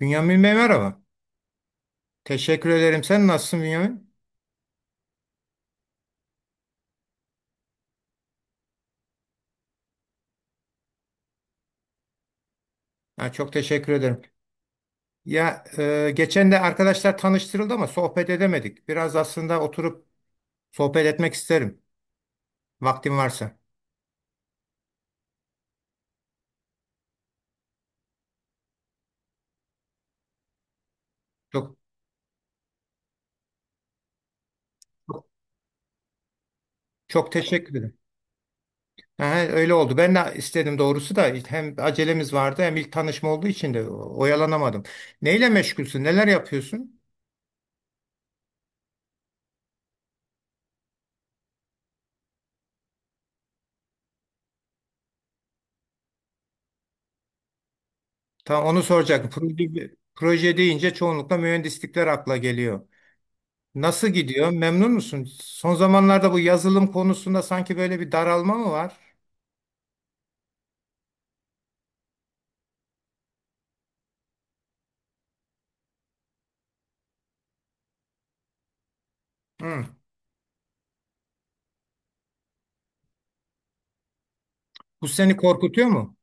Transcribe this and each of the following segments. Bünyamin Bey merhaba. Teşekkür ederim. Sen nasılsın Bünyamin? Ha, çok teşekkür ederim. Ya geçen de arkadaşlar tanıştırıldı ama sohbet edemedik. Biraz aslında oturup sohbet etmek isterim. Vaktim varsa. Çok çok teşekkür ederim. Ha, öyle oldu. Ben de istedim doğrusu da hem acelemiz vardı hem ilk tanışma olduğu için de oyalanamadım. Neyle meşgulsün? Neler yapıyorsun? Tam onu soracaktım. Proje deyince çoğunlukla mühendislikler akla geliyor. Nasıl gidiyor? Memnun musun? Son zamanlarda bu yazılım konusunda sanki böyle bir daralma mı var? Hı. Bu seni korkutuyor mu?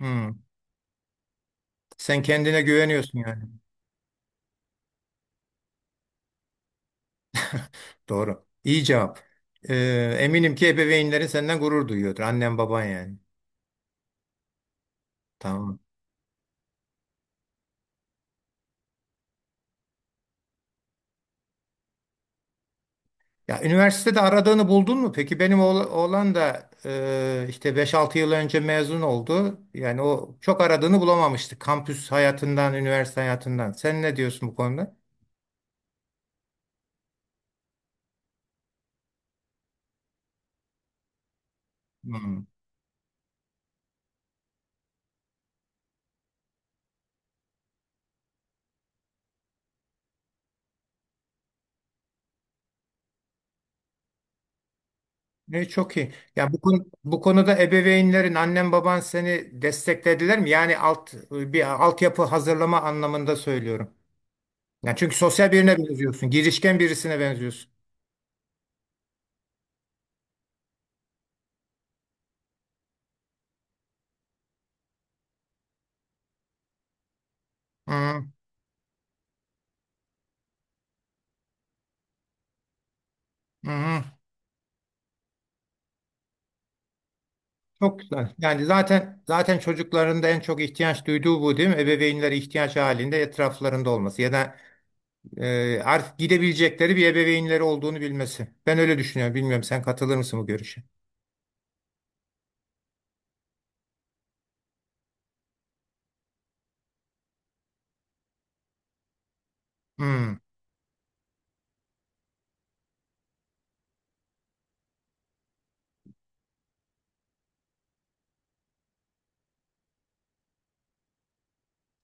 Hı. Sen kendine güveniyorsun yani. Doğru. İyi cevap. Eminim ki ebeveynlerin senden gurur duyuyordur. Annen baban yani. Tamam. Ya üniversitede aradığını buldun mu? Peki benim oğlan da işte beş altı yıl önce mezun oldu. Yani o çok aradığını bulamamıştı. Kampüs hayatından, üniversite hayatından. Sen ne diyorsun bu konuda? Hı. Ne çok iyi. Ya bu konuda ebeveynlerin, annen baban seni desteklediler mi? Yani alt bir altyapı hazırlama anlamında söylüyorum. Yani çünkü sosyal birine benziyorsun, girişken birisine benziyorsun. Hı hı. Çok güzel. Yani zaten çocukların da en çok ihtiyaç duyduğu bu değil mi? Ebeveynlere ihtiyaç halinde etraflarında olması ya da artık gidebilecekleri bir ebeveynleri olduğunu bilmesi. Ben öyle düşünüyorum. Bilmiyorum sen katılır mısın bu görüşe? Hı.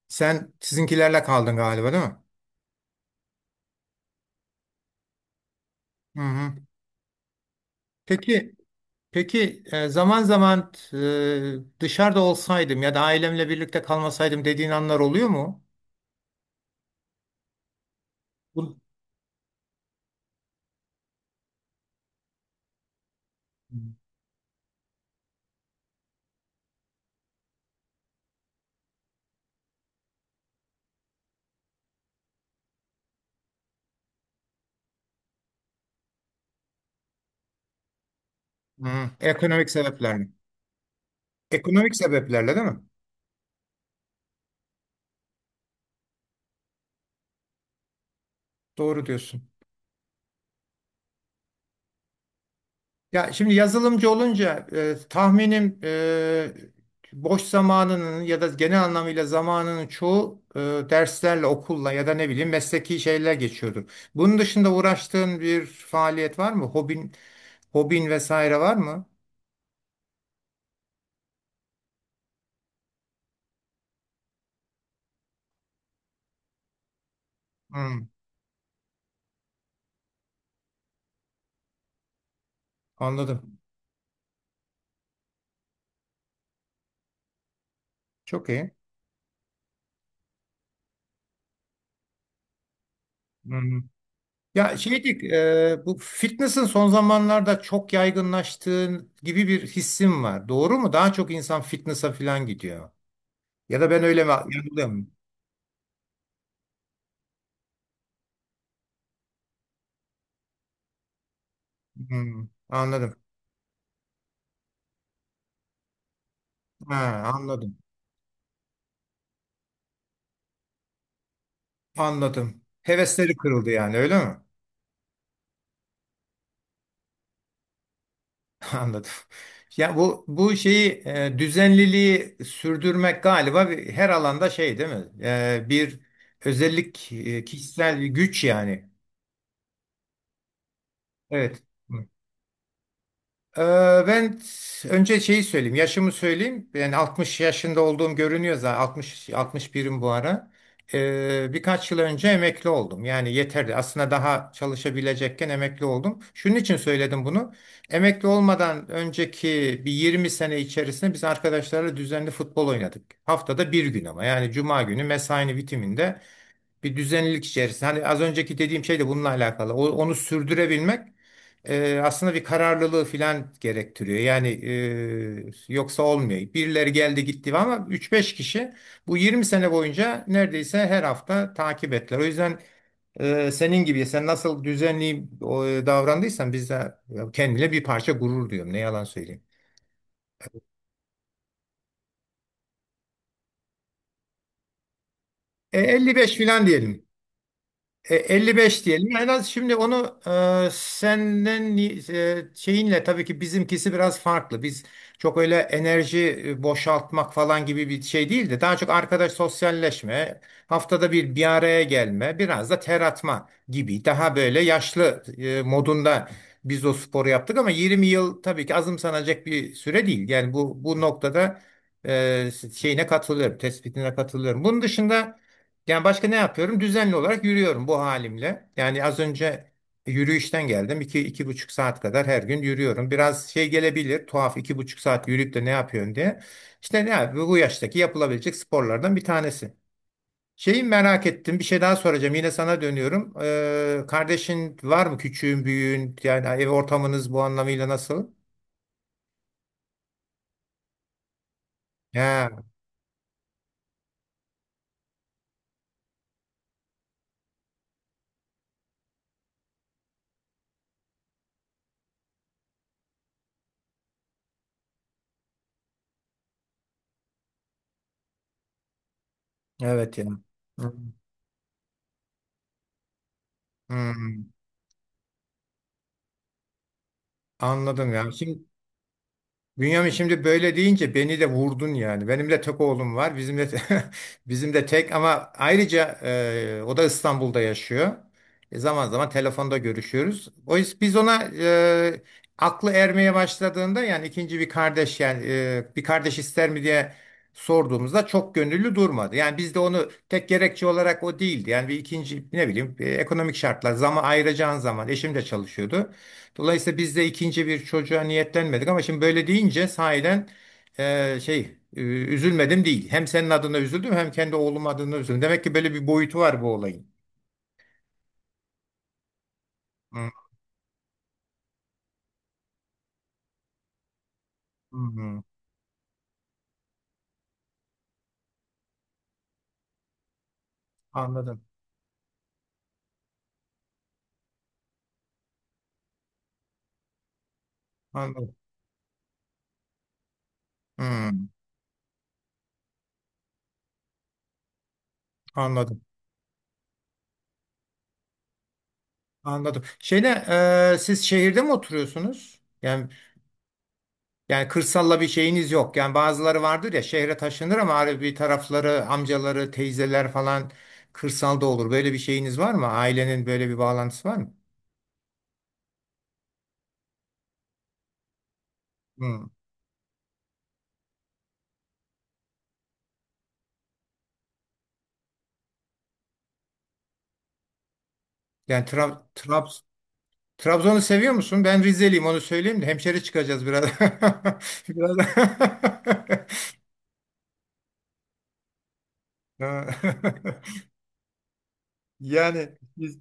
Sen sizinkilerle kaldın galiba değil mi? Hı hı. Peki, peki, zaman zaman dışarıda olsaydım ya da ailemle birlikte kalmasaydım dediğin anlar oluyor mu? Bu- Hı, ekonomik sebeplerle. Ekonomik sebeplerle değil mi? Doğru diyorsun. Ya şimdi yazılımcı olunca tahminim boş zamanının ya da genel anlamıyla zamanının çoğu derslerle, okulla ya da ne bileyim mesleki şeyler geçiyordur. Bunun dışında uğraştığın bir faaliyet var mı? Hobin vesaire var mı? Hı, anladım. Çok iyi. Hmm. Ya bu fitness'ın son zamanlarda çok yaygınlaştığı gibi bir hissim var. Doğru mu? Daha çok insan fitness'a falan gidiyor. Ya da ben öyle mi yanılıyorum? Anladım. Ha, anladım. Anladım. Hevesleri kırıldı yani öyle mi? Anladım. Ya bu şeyi düzenliliği sürdürmek galiba her alanda şey değil mi? Bir özellik, kişisel bir güç yani. Evet. Ee, Ben önce şeyi söyleyeyim, yaşımı söyleyeyim. Yani 60 yaşında olduğum görünüyor zaten. 60 61'im bu ara. Birkaç yıl önce emekli oldum. Yani yeterli. Aslında daha çalışabilecekken emekli oldum. Şunun için söyledim bunu. Emekli olmadan önceki bir 20 sene içerisinde biz arkadaşlarla düzenli futbol oynadık. Haftada bir gün ama yani cuma günü mesainin bitiminde bir düzenlilik içerisinde. Hani az önceki dediğim şey de bununla alakalı. Onu sürdürebilmek aslında bir kararlılığı filan gerektiriyor. Yani yoksa olmuyor. Birileri geldi gitti ama üç beş kişi bu 20 sene boyunca neredeyse her hafta takip ettiler. O yüzden senin gibi sen nasıl düzenli davrandıysan biz de ya, kendine bir parça gurur diyorum. Ne yalan söyleyeyim. 55 filan diyelim. 55 diyelim. En az şimdi onu senden şeyinle tabii ki bizimkisi biraz farklı. Biz çok öyle enerji boşaltmak falan gibi bir şey değil de daha çok arkadaş sosyalleşme, haftada bir bir araya gelme, biraz da ter atma gibi daha böyle yaşlı modunda biz o sporu yaptık ama 20 yıl tabii ki azımsanacak bir süre değil. Yani bu noktada e, şeyine katılıyorum, tespitine katılıyorum. Bunun dışında yani başka ne yapıyorum? Düzenli olarak yürüyorum bu halimle. Yani az önce yürüyüşten geldim. 2,5 saat kadar her gün yürüyorum. Biraz şey gelebilir, tuhaf 2,5 saat yürüyüp de ne yapıyorsun diye. İşte bu yaştaki yapılabilecek sporlardan bir tanesi. Şeyi merak ettim. Bir şey daha soracağım. Yine sana dönüyorum. Kardeşin var mı? Küçüğün, büyüğün? Yani ev ortamınız bu anlamıyla nasıl? Ha, evet ya. Hı, hı. Anladım ya. Şimdi Bünyamin şimdi böyle deyince beni de vurdun yani. Benim de tek oğlum var. Bizim de bizim de tek ama ayrıca o da İstanbul'da yaşıyor. Zaman zaman telefonda görüşüyoruz. O yüzden biz ona aklı ermeye başladığında yani ikinci bir kardeş yani bir kardeş ister mi diye sorduğumuzda çok gönüllü durmadı. Yani biz de onu tek gerekçe olarak o değildi. Yani bir ikinci ne bileyim ekonomik şartlar zaman ayıracağın zaman eşim de çalışıyordu. Dolayısıyla biz de ikinci bir çocuğa niyetlenmedik ama şimdi böyle deyince sahiden e, şey e, üzülmedim değil. Hem senin adına üzüldüm hem kendi oğlum adına üzüldüm. Demek ki böyle bir boyutu var bu olayın. Hmm, hmm, anladım. Anladım. Hmm, anladım. Anladım. Siz şehirde mi oturuyorsunuz? Yani kırsalla bir şeyiniz yok. Yani bazıları vardır ya şehre taşınır ama hani bir tarafları amcaları, teyzeler falan kırsalda olur. Böyle bir şeyiniz var mı? Ailenin böyle bir bağlantısı var mı? Hı. Yani Trabzon'u seviyor musun? Ben Rizeliyim onu söyleyeyim de hemşeri çıkacağız biraz. Biraz. Ha. Yani biz,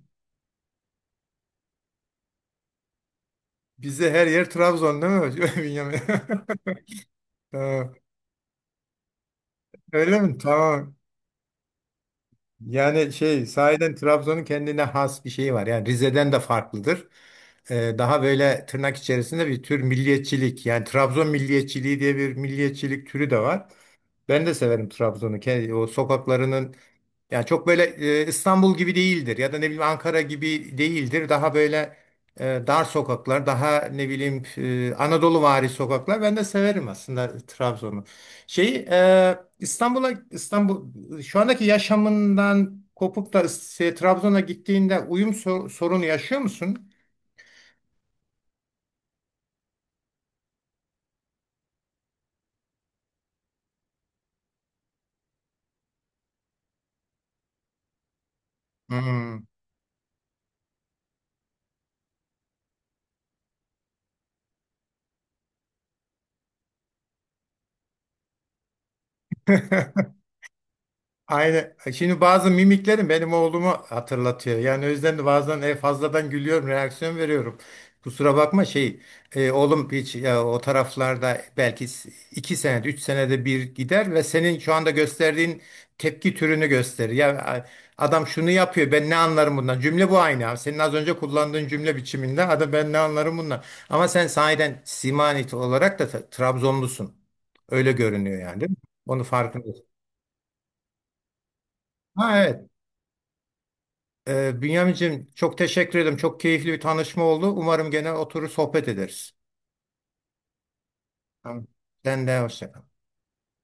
bize her yer Trabzon değil mi? Bünyamin? Tamam. Öyle mi? Tamam. Yani sahiden Trabzon'un kendine has bir şeyi var. Yani Rize'den de farklıdır. Daha böyle tırnak içerisinde bir tür milliyetçilik. Yani Trabzon milliyetçiliği diye bir milliyetçilik türü de var. Ben de severim Trabzon'u. O sokaklarının. Yani çok böyle İstanbul gibi değildir ya da ne bileyim Ankara gibi değildir. Daha böyle dar sokaklar, daha ne bileyim Anadoluvari sokaklar. Ben de severim aslında Trabzon'u. İstanbul şu andaki yaşamından kopup da Trabzon'a gittiğinde uyum sorunu yaşıyor musun? Hmm. Aynen. Şimdi bazı mimiklerim benim oğlumu hatırlatıyor. Yani o yüzden de bazen fazladan gülüyorum, reaksiyon veriyorum. Kusura bakma oğlum hiç ya, o taraflarda belki iki senede, üç senede bir gider ve senin şu anda gösterdiğin tepki türünü gösterir. Adam şunu yapıyor, ben ne anlarım bundan? Cümle bu aynı, abi. Senin az önce kullandığın cümle biçiminde, adam ben ne anlarım bundan? Ama sen sahiden simanit olarak da Trabzonlusun. Öyle görünüyor yani, değil mi? Onu farkındasın. Ha evet. Bünyamin'cim çok teşekkür ederim. Çok keyifli bir tanışma oldu. Umarım gene oturur sohbet ederiz. Tamam. Sen de hoşça kal.